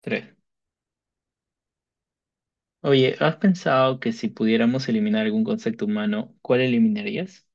Tres. Oye, ¿has pensado que si pudiéramos eliminar algún concepto humano, cuál eliminarías?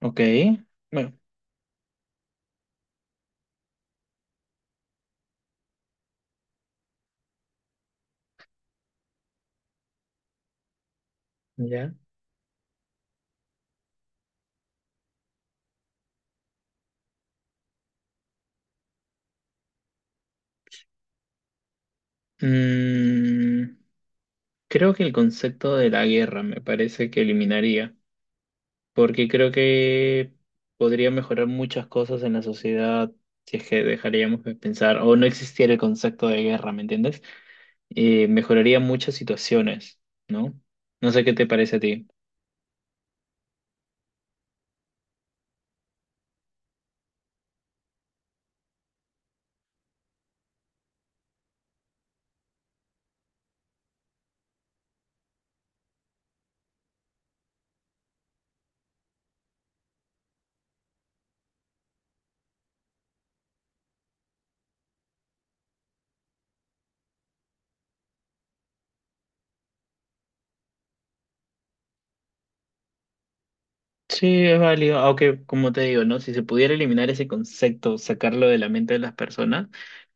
Ok, bueno, ya. Mm, creo que el concepto de la guerra me parece que eliminaría, porque creo que podría mejorar muchas cosas en la sociedad si es que dejaríamos de pensar o no existiera el concepto de guerra, ¿me entiendes? Mejoraría muchas situaciones, ¿no? No sé qué te parece a ti. Sí, es válido, aunque como te digo, ¿no? Si se pudiera eliminar ese concepto, sacarlo de la mente de las personas,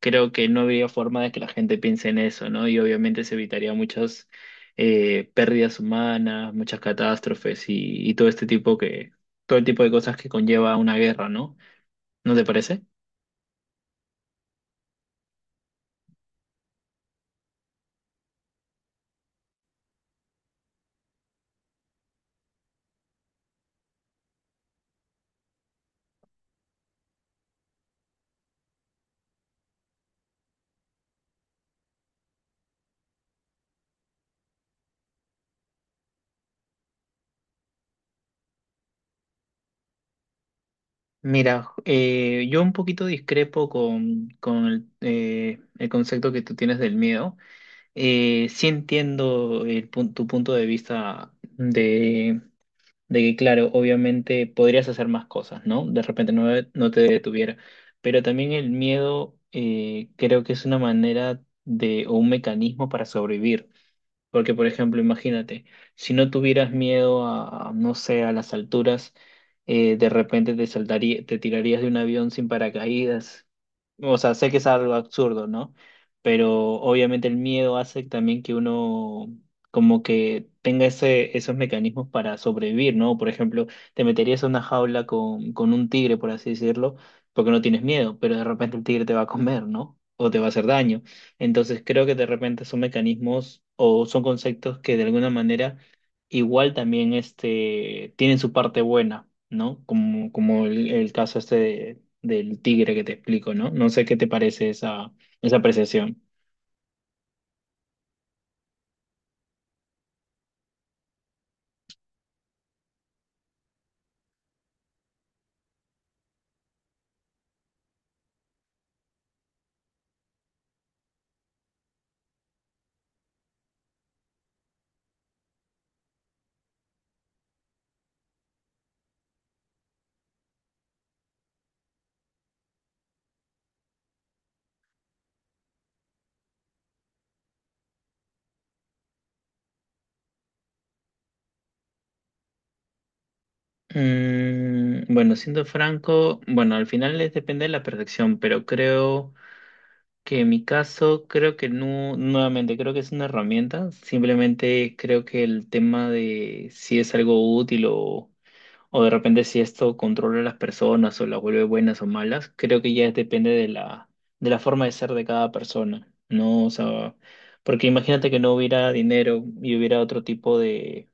creo que no habría forma de que la gente piense en eso, ¿no? Y obviamente se evitaría muchas pérdidas humanas, muchas catástrofes y todo este tipo que, todo el tipo de cosas que conlleva una guerra, ¿no? ¿No te parece? Mira, yo un poquito discrepo con el concepto que tú tienes del miedo. Sí entiendo tu punto de vista de que, claro, obviamente podrías hacer más cosas, ¿no? De repente no, no te detuviera. Pero también el miedo creo que es una manera de, o un mecanismo para sobrevivir. Porque, por ejemplo, imagínate, si no tuvieras miedo no sé, a las alturas, de repente te saltaría, te tirarías de un avión sin paracaídas. O sea, sé que es algo absurdo, ¿no? Pero obviamente el miedo hace también que uno como que tenga ese, esos mecanismos para sobrevivir, ¿no? Por ejemplo, te meterías en una jaula con un tigre, por así decirlo, porque no tienes miedo, pero de repente el tigre te va a comer, ¿no? O te va a hacer daño. Entonces creo que de repente son mecanismos o son conceptos que de alguna manera igual también este, tienen su parte buena, ¿no? Como, como el caso este del tigre que te explico, ¿no? No sé qué te parece esa, esa apreciación. Bueno, siendo franco, bueno, al final es depende de la perfección, pero creo que en mi caso, creo que no, nuevamente, creo que es una herramienta, simplemente creo que el tema de si es algo útil o de repente si esto controla a las personas o las vuelve buenas o malas, creo que ya depende de la forma de ser de cada persona, ¿no? O sea, porque imagínate que no hubiera dinero y hubiera otro tipo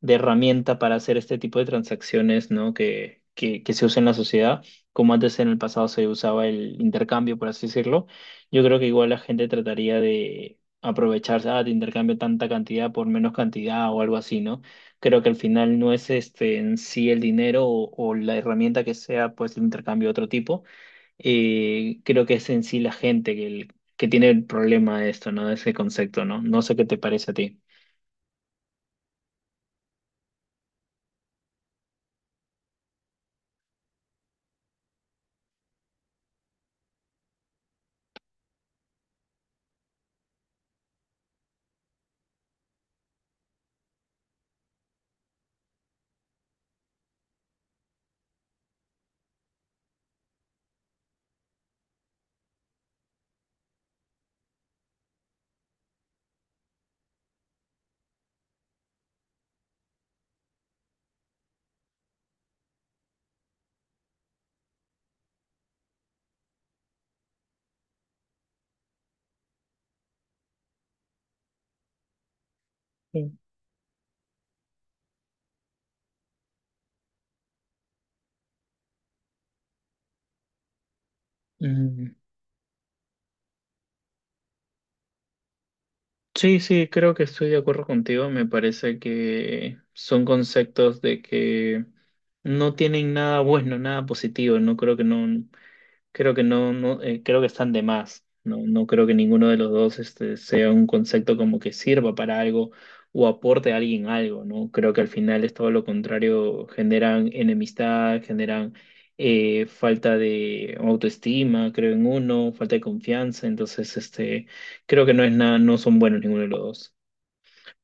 de herramienta para hacer este tipo de transacciones, ¿no? Que se usa en la sociedad, como antes en el pasado se usaba el intercambio, por así decirlo. Yo creo que igual la gente trataría de aprovecharse, ah, te intercambio tanta cantidad por menos cantidad o algo así, ¿no? Creo que al final no es este en sí el dinero o la herramienta que sea, pues el intercambio de otro tipo. Creo que es en sí la gente que, que tiene el problema de esto, ¿no? De ese concepto, ¿no? No sé qué te parece a ti. Sí. Mm. Sí, sí, creo que estoy de acuerdo contigo. Me parece que son conceptos de que no tienen nada bueno, nada positivo. No creo que no. Creo que no, creo que están de más. No, no creo que ninguno de los dos este, sea un concepto como que sirva para algo o aporte a alguien algo, ¿no? Creo que al final es todo lo contrario, generan enemistad, generan falta de autoestima, creo en uno, falta de confianza, entonces este, creo que no es nada, no son buenos ninguno de los dos.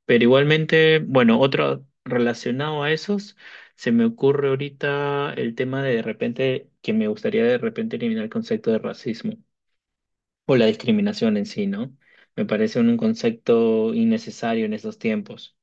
Pero igualmente, bueno, otro relacionado a esos, se me ocurre ahorita el tema de repente que me gustaría de repente eliminar el concepto de racismo o la discriminación en sí, ¿no? Me parece un concepto innecesario en estos tiempos.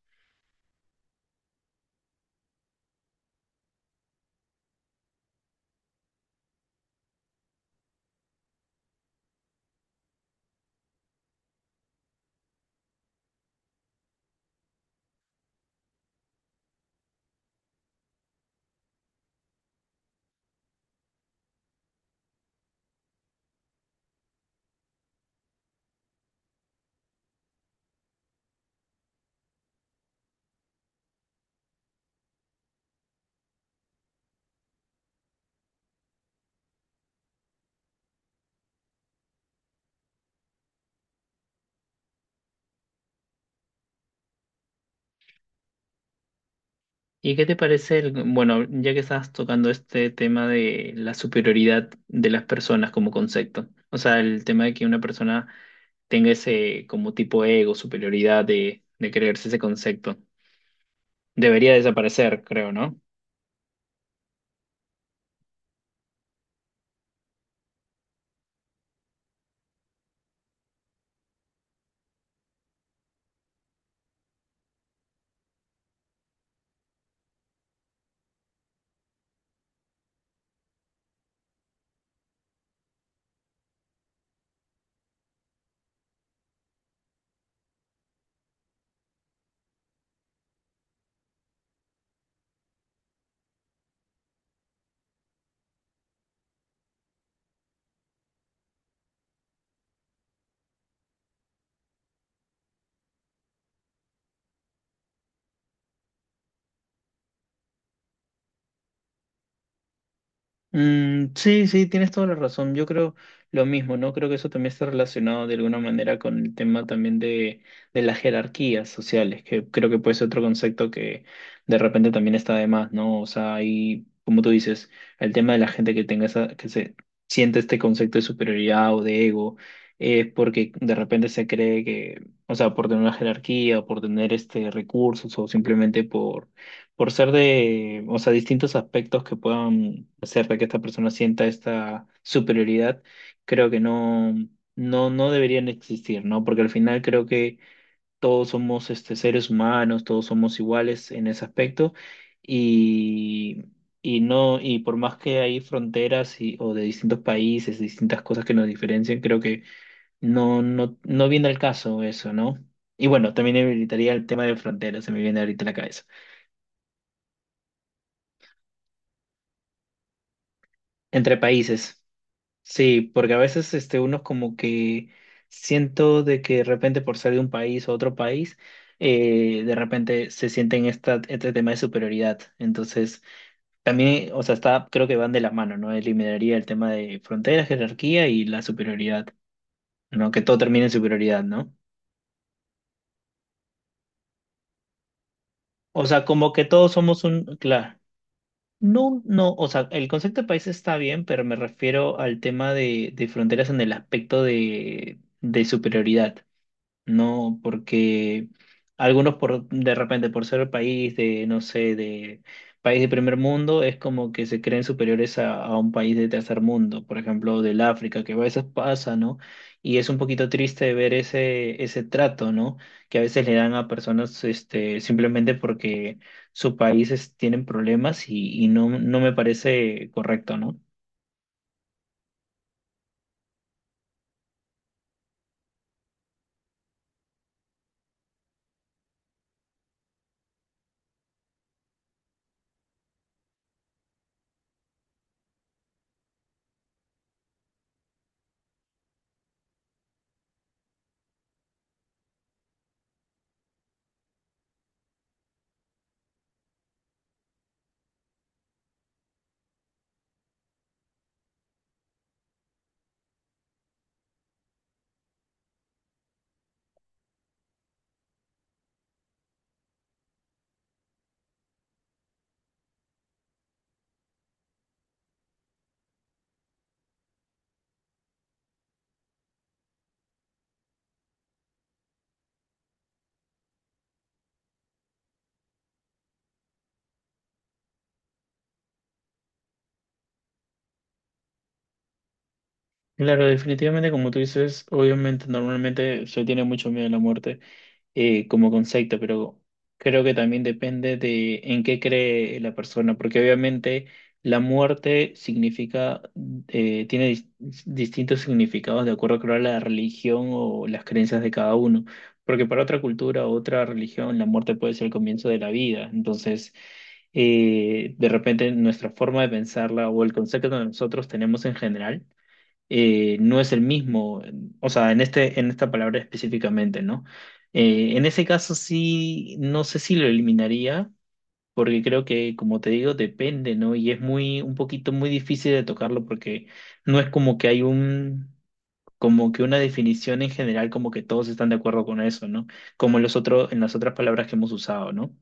¿Y qué te parece el, bueno, ya que estás tocando este tema de la superioridad de las personas como concepto? O sea, el tema de que una persona tenga ese como tipo ego, superioridad de creerse ese concepto. Debería desaparecer, creo, ¿no? Sí, sí, tienes toda la razón. Yo creo lo mismo, ¿no? Creo que eso también está relacionado de alguna manera con el tema también de las jerarquías sociales, que creo que puede ser otro concepto que de repente también está de más, ¿no? O sea, hay, como tú dices, el tema de la gente que tenga esa, que se siente este concepto de superioridad o de ego, es porque de repente se cree que, o sea, por tener una jerarquía, o por tener este recursos, o simplemente por ser de, o sea, distintos aspectos que puedan hacer de que esta persona sienta esta superioridad, creo que no, no deberían existir, ¿no? Porque al final creo que todos somos este, seres humanos, todos somos iguales en ese aspecto y, y no, y por más que hay fronteras y, o de distintos países, distintas cosas que nos diferencian, creo que no, no viene al caso eso, ¿no? Y bueno, también evitaría el tema de fronteras, se me viene ahorita a la cabeza. Entre países. Sí, porque a veces este, uno como que siento de que de repente por ser de un país a otro país, de repente se sienten esta, este tema de superioridad. Entonces, también, o sea, está, creo que van de la mano, ¿no? Eliminaría el tema de fronteras, jerarquía y la superioridad, ¿no? Que todo termine en superioridad, ¿no? O sea, como que todos somos un, claro, no, no, o sea, el concepto de país está bien, pero me refiero al tema de fronteras en el aspecto de superioridad. No, porque algunos por de repente por ser país de, no sé, de país de primer mundo, es como que se creen superiores a un país de tercer mundo, por ejemplo, del África, que a veces pasa, ¿no? Y es un poquito triste ver ese, ese trato, ¿no? Que a veces le dan a personas este, simplemente porque sus países tienen problemas y no, no me parece correcto, ¿no? Claro, definitivamente como tú dices, obviamente normalmente se tiene mucho miedo a la muerte. Como concepto, pero creo que también depende de en qué cree la persona, porque obviamente la muerte significa, tiene distintos significados de acuerdo creo, a la religión o las creencias de cada uno, porque para otra cultura o otra religión la muerte puede ser el comienzo de la vida, entonces de repente nuestra forma de pensarla o el concepto que nosotros tenemos en general no es el mismo, o sea, en este, en esta palabra específicamente, ¿no? En ese caso sí, no sé si lo eliminaría, porque creo que, como te digo, depende, ¿no? Y es muy, un poquito muy difícil de tocarlo porque no es como que hay un, como que una definición en general, como que todos están de acuerdo con eso, ¿no? Como en los otros, en las otras palabras que hemos usado, ¿no?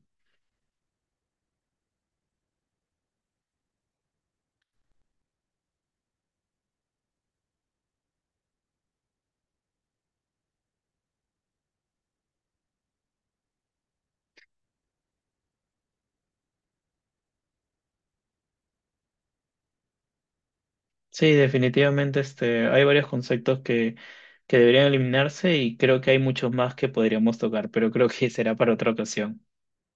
Sí, definitivamente este, hay varios conceptos que deberían eliminarse y creo que hay muchos más que podríamos tocar, pero creo que será para otra ocasión.